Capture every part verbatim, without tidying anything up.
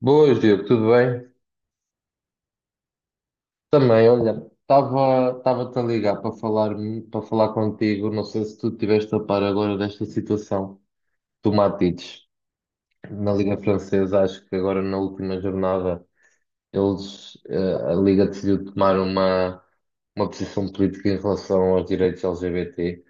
Boas, Diogo, tudo bem? Também, olha, estava estava-te a ligar para falar para falar contigo. Não sei se tu tiveste a par agora desta situação do Matites na Liga Francesa. Acho que agora na última jornada eles, eh, a Liga decidiu tomar uma, uma posição política em relação aos direitos L G B T,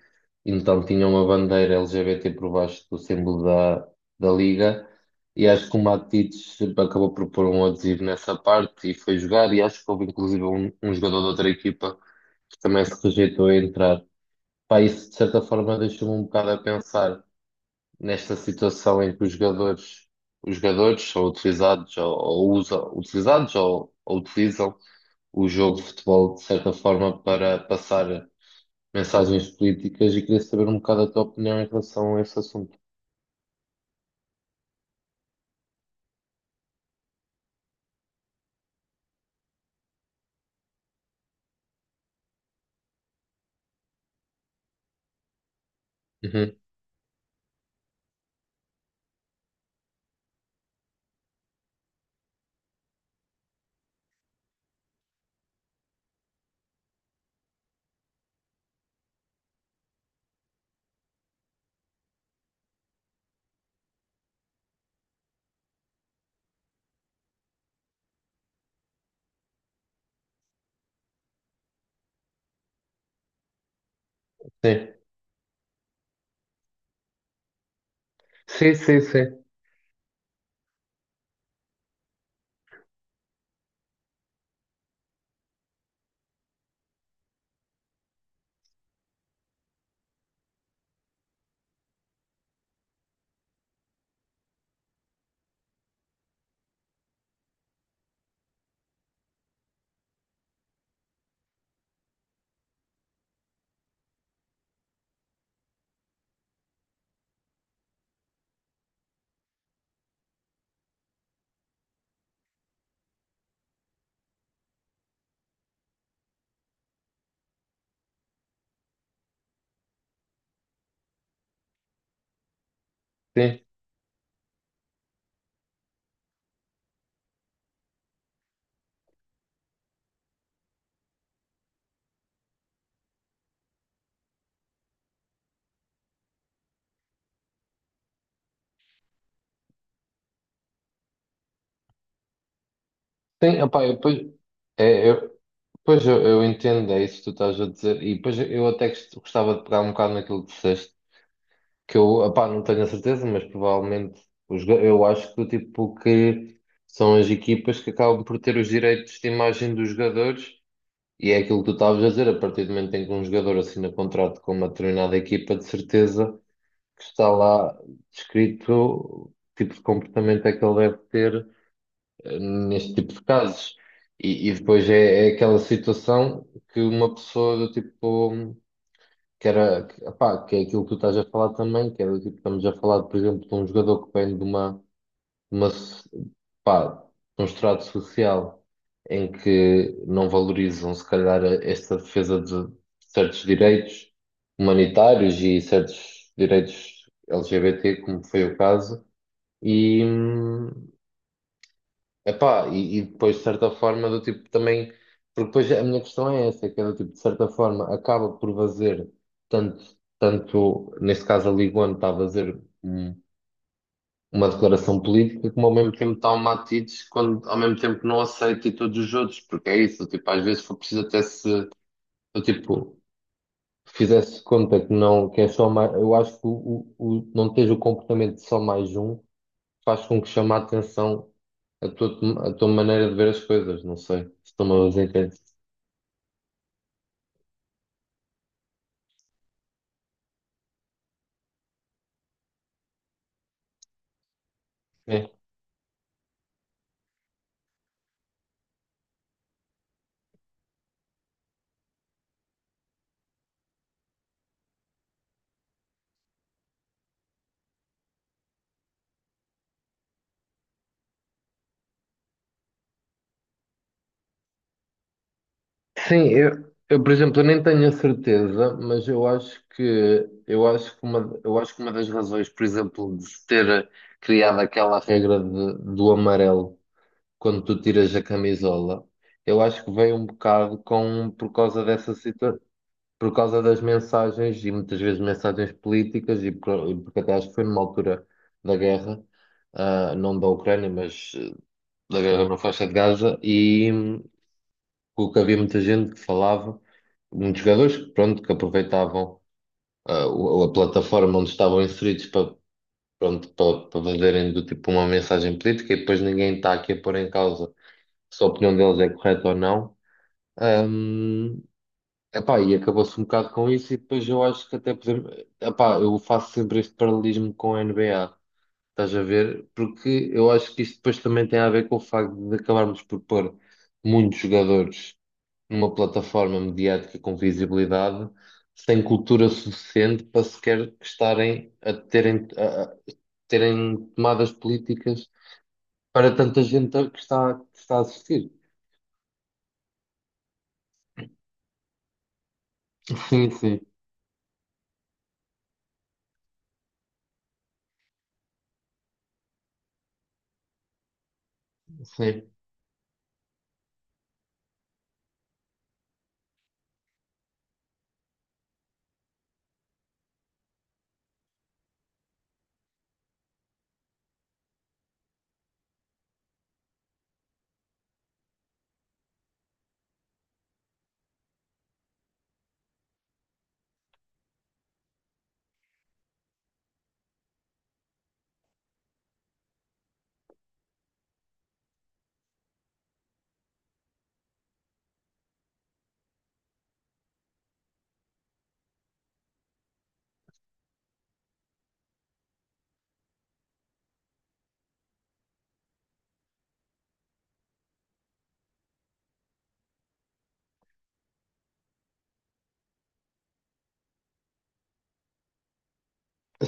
então tinha uma bandeira L G B T por baixo do símbolo da, da Liga, e acho que o Matites acabou por pôr um adesivo nessa parte e foi jogar, e acho que houve inclusive um, um jogador de outra equipa que também se rejeitou a entrar. Pá, isso de certa forma deixou-me um bocado a pensar nesta situação em que os jogadores, os jogadores são utilizados ou, ou usam, utilizados ou, ou utilizam o jogo de futebol de certa forma para passar mensagens políticas e queria saber um bocado a tua opinião em relação a esse assunto. Uhum. Sim, sim, sim, sim, sim. Sim, opá, eu, pois, é, eu, pois eu, eu entendo, é isso que tu estás a dizer, e depois eu até gost- gostava de pegar um bocado naquilo que disseste que eu, opá, não tenho a certeza, mas provavelmente os, ga- eu acho que tipo que são as equipas que acabam por ter os direitos de imagem dos jogadores e é aquilo que tu estavas a dizer, a partir do momento em que um jogador assina contrato com uma determinada equipa, de certeza que está lá descrito que tipo de comportamento é que ele deve ter, eh, neste tipo de casos. E, e depois é, é aquela situação que uma pessoa do tipo que era, que, epá, que é aquilo que tu estás a falar também, que era do tipo, estamos a falar, por exemplo, de um jogador que vem de uma, de uma, so- pá, de um estrato social em que não valorizam, se calhar, a- esta defesa de certos direitos humanitários e certos direitos L G B T, como foi o caso, e, hum, epá, e, e depois, de certa forma, do tipo também. Porque depois a minha questão é essa, que é do tipo, de certa forma, acaba por fazer tanto, tanto neste caso a Liga um está a fazer, hum, uma declaração política, como ao mesmo tempo está o Matites, quando ao mesmo tempo não aceita e todos os outros, porque é isso, tipo, às vezes foi preciso até se, do tipo, fizesse conta que não, que é só mais, eu acho que o, o, o- não tens o comportamento de só mais um faz com que chame a atenção a tua, a tua maneira de ver as coisas, não sei se estou-me a fazer entender. É. Sim, eu, eu, por exemplo, eu nem tenho a certeza, mas eu acho que eu acho que uma, eu acho que uma das razões, por exemplo, de se ter criado aquela regra de- do amarelo quando tu tiras a camisola, eu acho que veio um bocado com por causa dessa situação. Por causa das mensagens e muitas vezes mensagens políticas, e por- e porque até acho que foi numa altura da guerra, ah, não da Ucrânia, mas, eh, da guerra na faixa de Gaza, e, hum, porque havia muita gente que falava, muitos jogadores que, pronto, que aproveitavam, ah, o- a plataforma onde estavam inseridos para, pronto, para, para fazerem do tipo uma mensagem política, e depois ninguém está aqui a pôr em causa se a opinião deles é correta ou não. Hum, Epá, e acabou-se um bocado com isso, e depois eu acho que até podemos. Epá, eu faço sempre este paralelismo com a N B A, estás a ver? Porque eu acho que isto depois também tem a ver com o facto de acabarmos por pôr muitos jogadores numa plataforma mediática com visibilidade, sem cultura suficiente para sequer estarem a terem, a, a terem tomadas políticas para tanta gente que está, que está a assistir. Sim, sim, sim.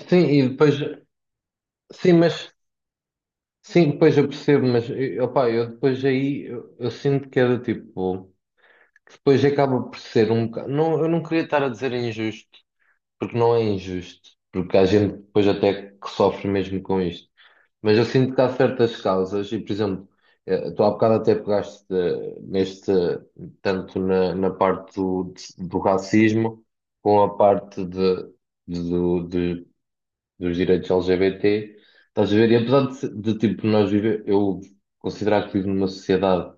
Sim, e depois. Sim, mas. Sim, depois eu percebo, mas, eh, opá, eu depois aí eu, eu sinto que é do tipo, que depois acaba por ser um bocado. Não, eu não queria estar a dizer injusto, porque não é injusto, porque há gente depois até que sofre mesmo com isto. Mas eu sinto que há certas causas, e por exemplo, eh, tu há bocado até pegaste, eh, neste, tanto na, na parte do, do racismo, com a parte de, de, dos direitos L G B T, estás a ver? E apesar de, se- de, tipo, nós viver, eu considerar que vivo numa sociedade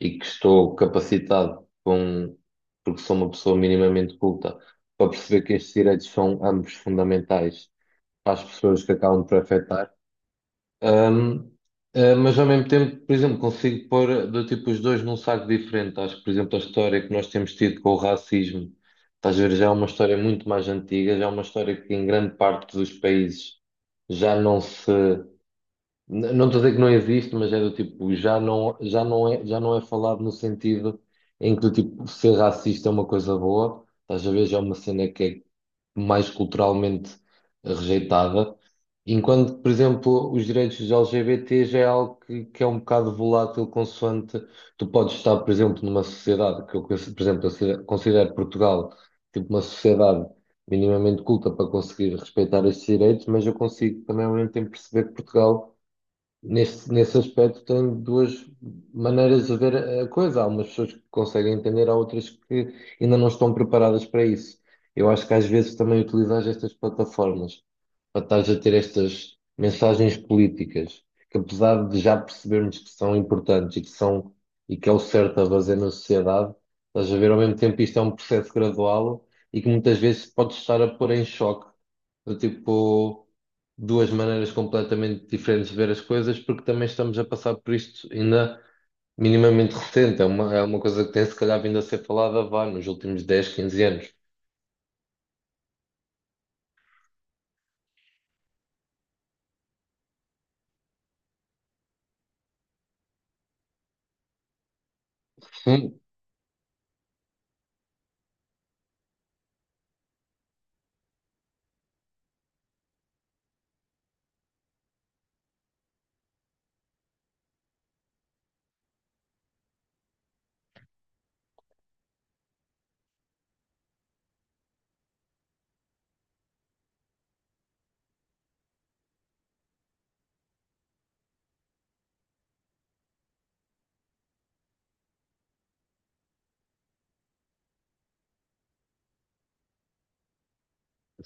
e que estou capacitado com, porque sou uma pessoa minimamente culta, para perceber que estes direitos são ambos fundamentais para as pessoas que acabam por afetar. Ahm, ah, mas ao mesmo tempo, por exemplo, consigo pôr do tipo os dois num saco diferente. Acho que, por exemplo, a história que nós temos tido com o racismo, estás a ver, já é uma história muito mais antiga, já é uma história que em grande parte dos países já não se. n- Não estou a dizer que não existe, mas é do tipo, já não, já não é, já não é falado no sentido em que do tipo, ser racista é uma coisa boa. Estás a ver, já é uma cena mais culturalmente rejeitada, enquanto, por exemplo, os direitos dos L G B T já é algo que, que é um bocado volátil, consoante tu podes estar, por exemplo, numa sociedade que eu, consi- por exemplo, eu se- considero Portugal tipo uma sociedade minimamente culta para conseguir respeitar estes direitos, mas eu consigo também ao mesmo tempo perceber que Portugal nesse, nesse aspecto, tem duas maneiras de ver a coisa. Há umas pessoas que conseguem entender, há outras que ainda não estão preparadas para isso. Eu acho que às vezes também utilizas estas plataformas para estares a ter estas mensagens políticas, que apesar de já percebermos que são importantes e que são, e que é o certo a fazer na sociedade, estás a ver ao mesmo tempo isto é um processo gradual e que muitas vezes pode estar a pôr em choque, do tipo duas maneiras completamente diferentes de ver as coisas, porque também estamos a passar por isto ainda minimamente recente. É uma, é uma coisa que tem se calhar vindo a ser falada, vá, nos últimos dez quinze anos. Hum,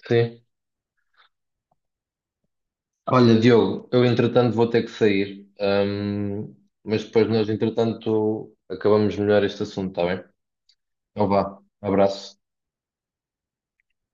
sim. Olha, Diogo, eu entretanto vou ter que sair, hum, mas depois nós entretanto acabamos melhor este assunto, está bem? Então vá, abraço.